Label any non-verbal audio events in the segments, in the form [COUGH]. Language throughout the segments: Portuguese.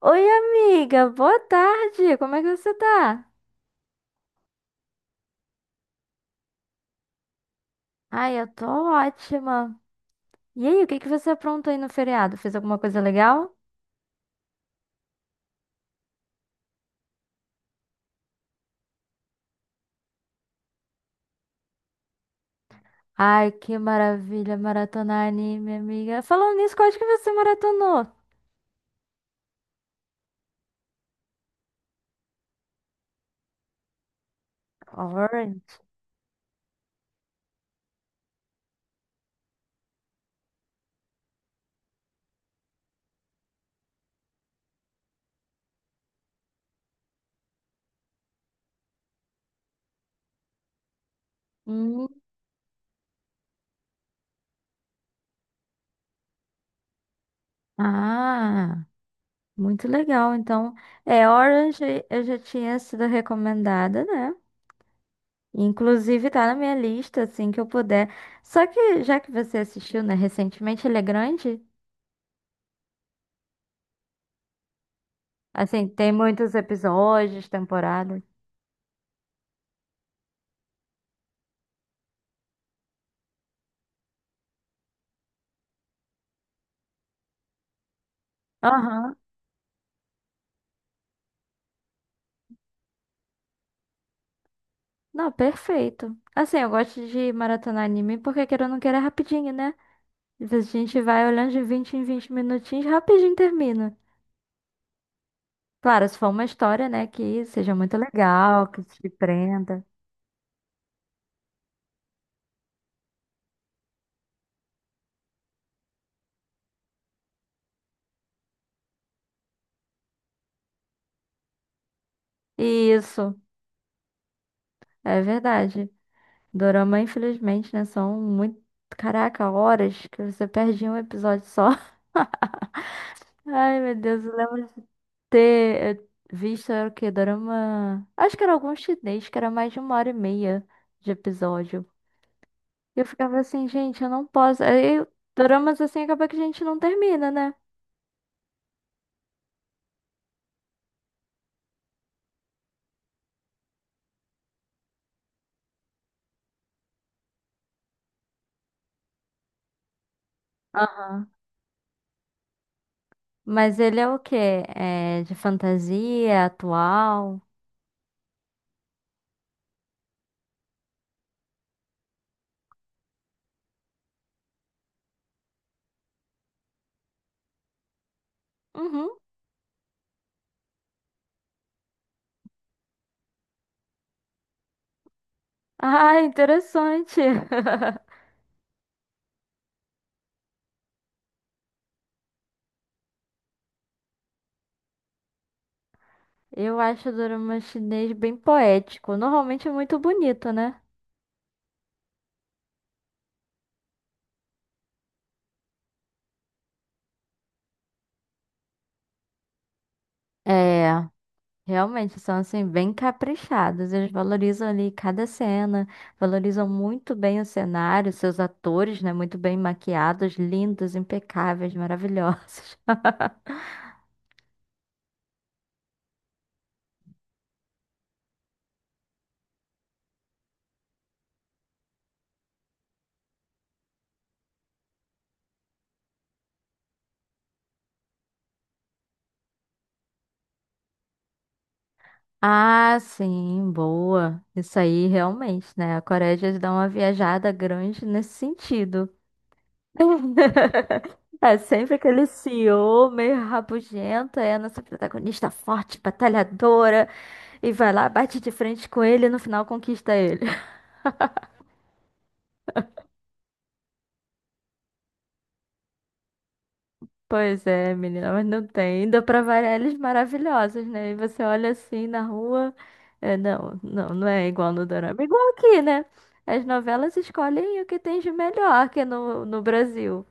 Oi, amiga, boa tarde. Como é que você tá? Ai, eu tô ótima. E aí, o que que você aprontou aí no feriado? Fez alguma coisa legal? Ai, que maravilha, maratonar anime, amiga. Falando nisso, qual é que você maratonou? Orange. Hum. Ah, muito legal. Então, é, Orange eu já tinha sido recomendada, né? Inclusive tá na minha lista, assim que eu puder. Só que já que você assistiu, né, recentemente, ele é grande. Assim, tem muitos episódios, temporadas. Aham. Não, perfeito. Assim, eu gosto de maratonar anime porque querendo ou não queira é rapidinho, né? Às vezes a gente vai olhando de 20 em 20 minutinhos, rapidinho termina. Claro, se for uma história, né, que seja muito legal, que te prenda. Isso, é verdade. Dorama, infelizmente, né, são muito... Caraca, horas que você perde em um episódio só. [LAUGHS] Ai, meu Deus, eu lembro ter visto era o quê? Dorama. Acho que era algum chinês, que era mais de uma hora e meia de episódio. E eu ficava assim, gente, eu não posso. Aí, doramas assim acaba que a gente não termina, né? Aham. Mas ele é o quê? É de fantasia, atual? Uhum. Ah, interessante. [LAUGHS] Eu acho o dorama chinês bem poético. Normalmente é muito bonito, né? É. Realmente são assim bem caprichados. Eles valorizam ali cada cena, valorizam muito bem o cenário, seus atores, né, muito bem maquiados, lindos, impecáveis, maravilhosos. [LAUGHS] Ah, sim, boa. Isso aí realmente, né? A Coreia já dá uma viajada grande nesse sentido. [LAUGHS] É sempre aquele CEO meio rabugento, é a nossa protagonista forte, batalhadora, e vai lá, bate de frente com ele e no final conquista ele. Pois é, menina, mas não tem. Ainda pra variar, eles maravilhosos, né? E você olha assim na rua. É, não, não, não é igual no dorama. É igual aqui, né? As novelas escolhem o que tem de melhor que no Brasil.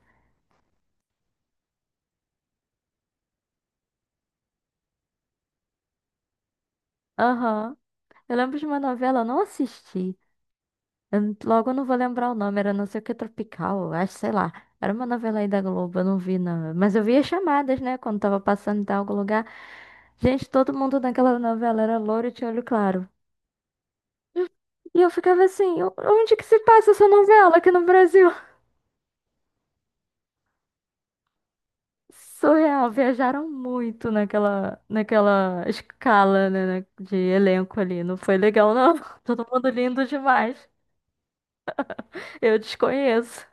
Aham. Eu lembro de uma novela, eu não assisti. Logo eu não vou lembrar o nome, era não sei o que Tropical, eu acho, sei lá. Era uma novela aí da Globo, eu não vi, não. Mas eu via chamadas, né? Quando tava passando em algum lugar. Gente, todo mundo naquela novela era loiro e tinha olho claro. E eu ficava assim, Onde que se passa essa novela aqui no Brasil? Surreal, viajaram muito naquela escala, né, de elenco ali. Não foi legal, não. [LAUGHS] Todo mundo lindo demais. Eu desconheço.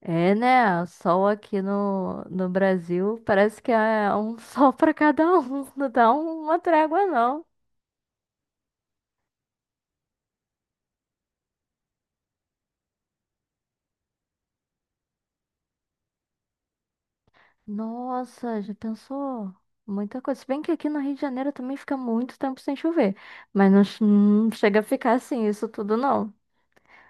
É, né? Sol aqui no Brasil parece que é um [LAUGHS] sol pra cada um. Não dá uma trégua, não. Nossa, já pensou? Muita coisa. Se bem que aqui no Rio de Janeiro também fica muito tempo sem chover. Mas não, não chega a ficar assim, isso tudo não.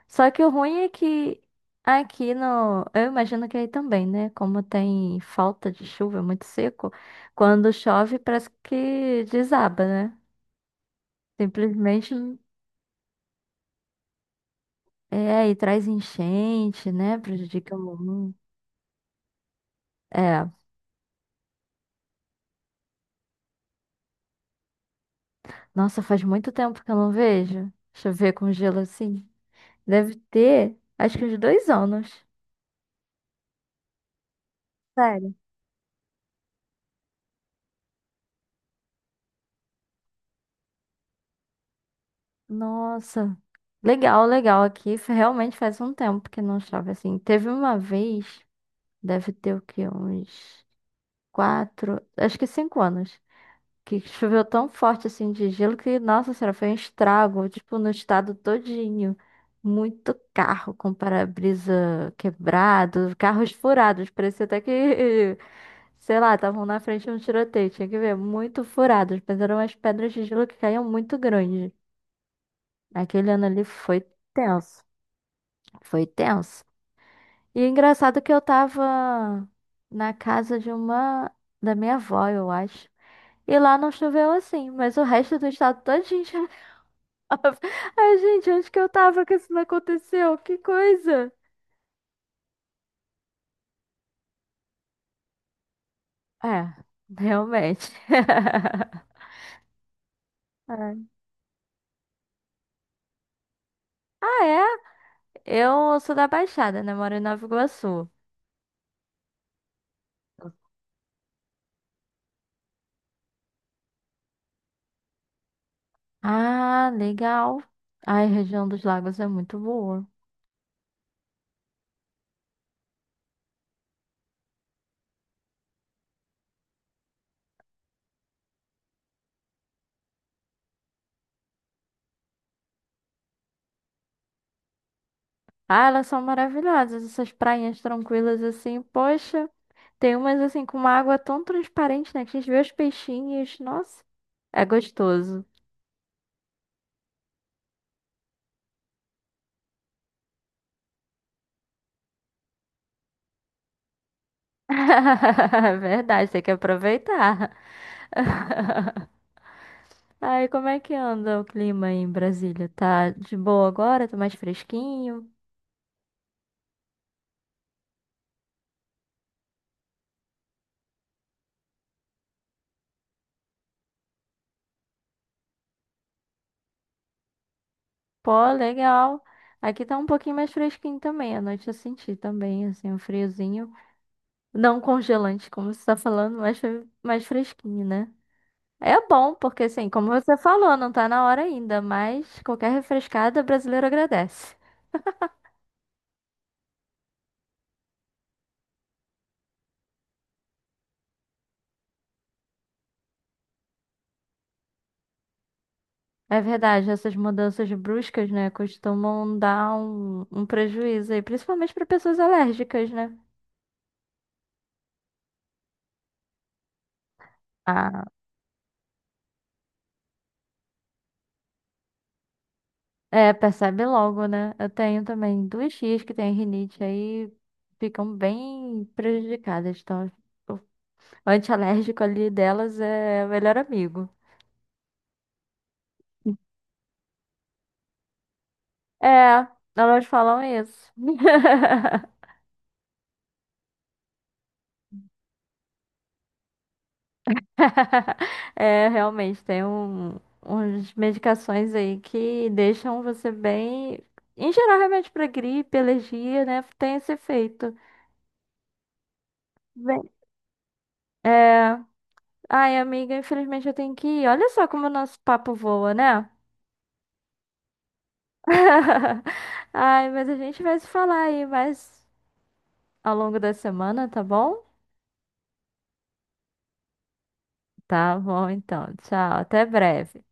Só que o ruim é que aqui no. Eu imagino que aí também, né? Como tem falta de chuva, é muito seco. Quando chove, parece que desaba, né? Simplesmente. É, e traz enchente, né? Prejudica o mundo. É. Nossa, faz muito tempo que eu não vejo chover com gelo assim. Deve ter, acho que uns dois anos. Sério. Nossa, legal, legal. Aqui realmente faz um tempo que não chove assim. Teve uma vez, deve ter o quê? Uns quatro, acho que cinco anos, que choveu tão forte assim de gelo que, nossa senhora, foi um estrago, tipo, no estado todinho. Muito carro com para-brisa quebrado, carros furados, parecia até que [LAUGHS] sei lá, estavam na frente de um tiroteio, tinha que ver, muito furados, mas eram umas pedras de gelo que caíam muito grande. Aquele ano ali foi tenso, foi tenso. E é engraçado que eu tava na casa de uma, da minha avó, eu acho. E lá não choveu assim, mas o resto do estado todinho choveu. [LAUGHS] Ai, gente, onde que eu tava que isso não aconteceu? Que coisa! É, realmente. [LAUGHS] Ai. Ah, é? Eu sou da Baixada, né? Moro em Nova Iguaçu. Ah, legal. Ai, a região dos Lagos é muito boa. Ah, elas são maravilhosas, essas prainhas tranquilas assim. Poxa, tem umas assim com uma água tão transparente, né? Que a gente vê os peixinhos. Nossa, é gostoso. [LAUGHS] É verdade, tem que aproveitar. [LAUGHS] Ai, como é que anda o clima aí em Brasília? Tá de boa agora? Tá mais fresquinho? Pô, legal. Aqui tá um pouquinho mais fresquinho também. À noite eu senti também, assim, um friozinho. Não congelante, como você está falando, mas mais fresquinho, né? É bom, porque assim, como você falou, não tá na hora ainda, mas qualquer refrescada brasileiro agradece. É verdade, essas mudanças bruscas, né, costumam dar um prejuízo aí, principalmente para pessoas alérgicas, né? Ah, é, percebe logo, né? Eu tenho também duas tias que têm rinite aí, ficam bem prejudicadas. Então, o antialérgico ali delas é o melhor amigo. É, elas falam isso. [LAUGHS] [LAUGHS] É, realmente, tem um, umas medicações aí que deixam você bem. Em geral, realmente para gripe, alergia, né? Tem esse efeito. Bem... É. Ai, amiga, infelizmente eu tenho que ir. Olha só como o nosso papo voa, né? [LAUGHS] Ai, mas a gente vai se falar aí mais ao longo da semana, tá bom? Tá bom, então. Tchau, até breve.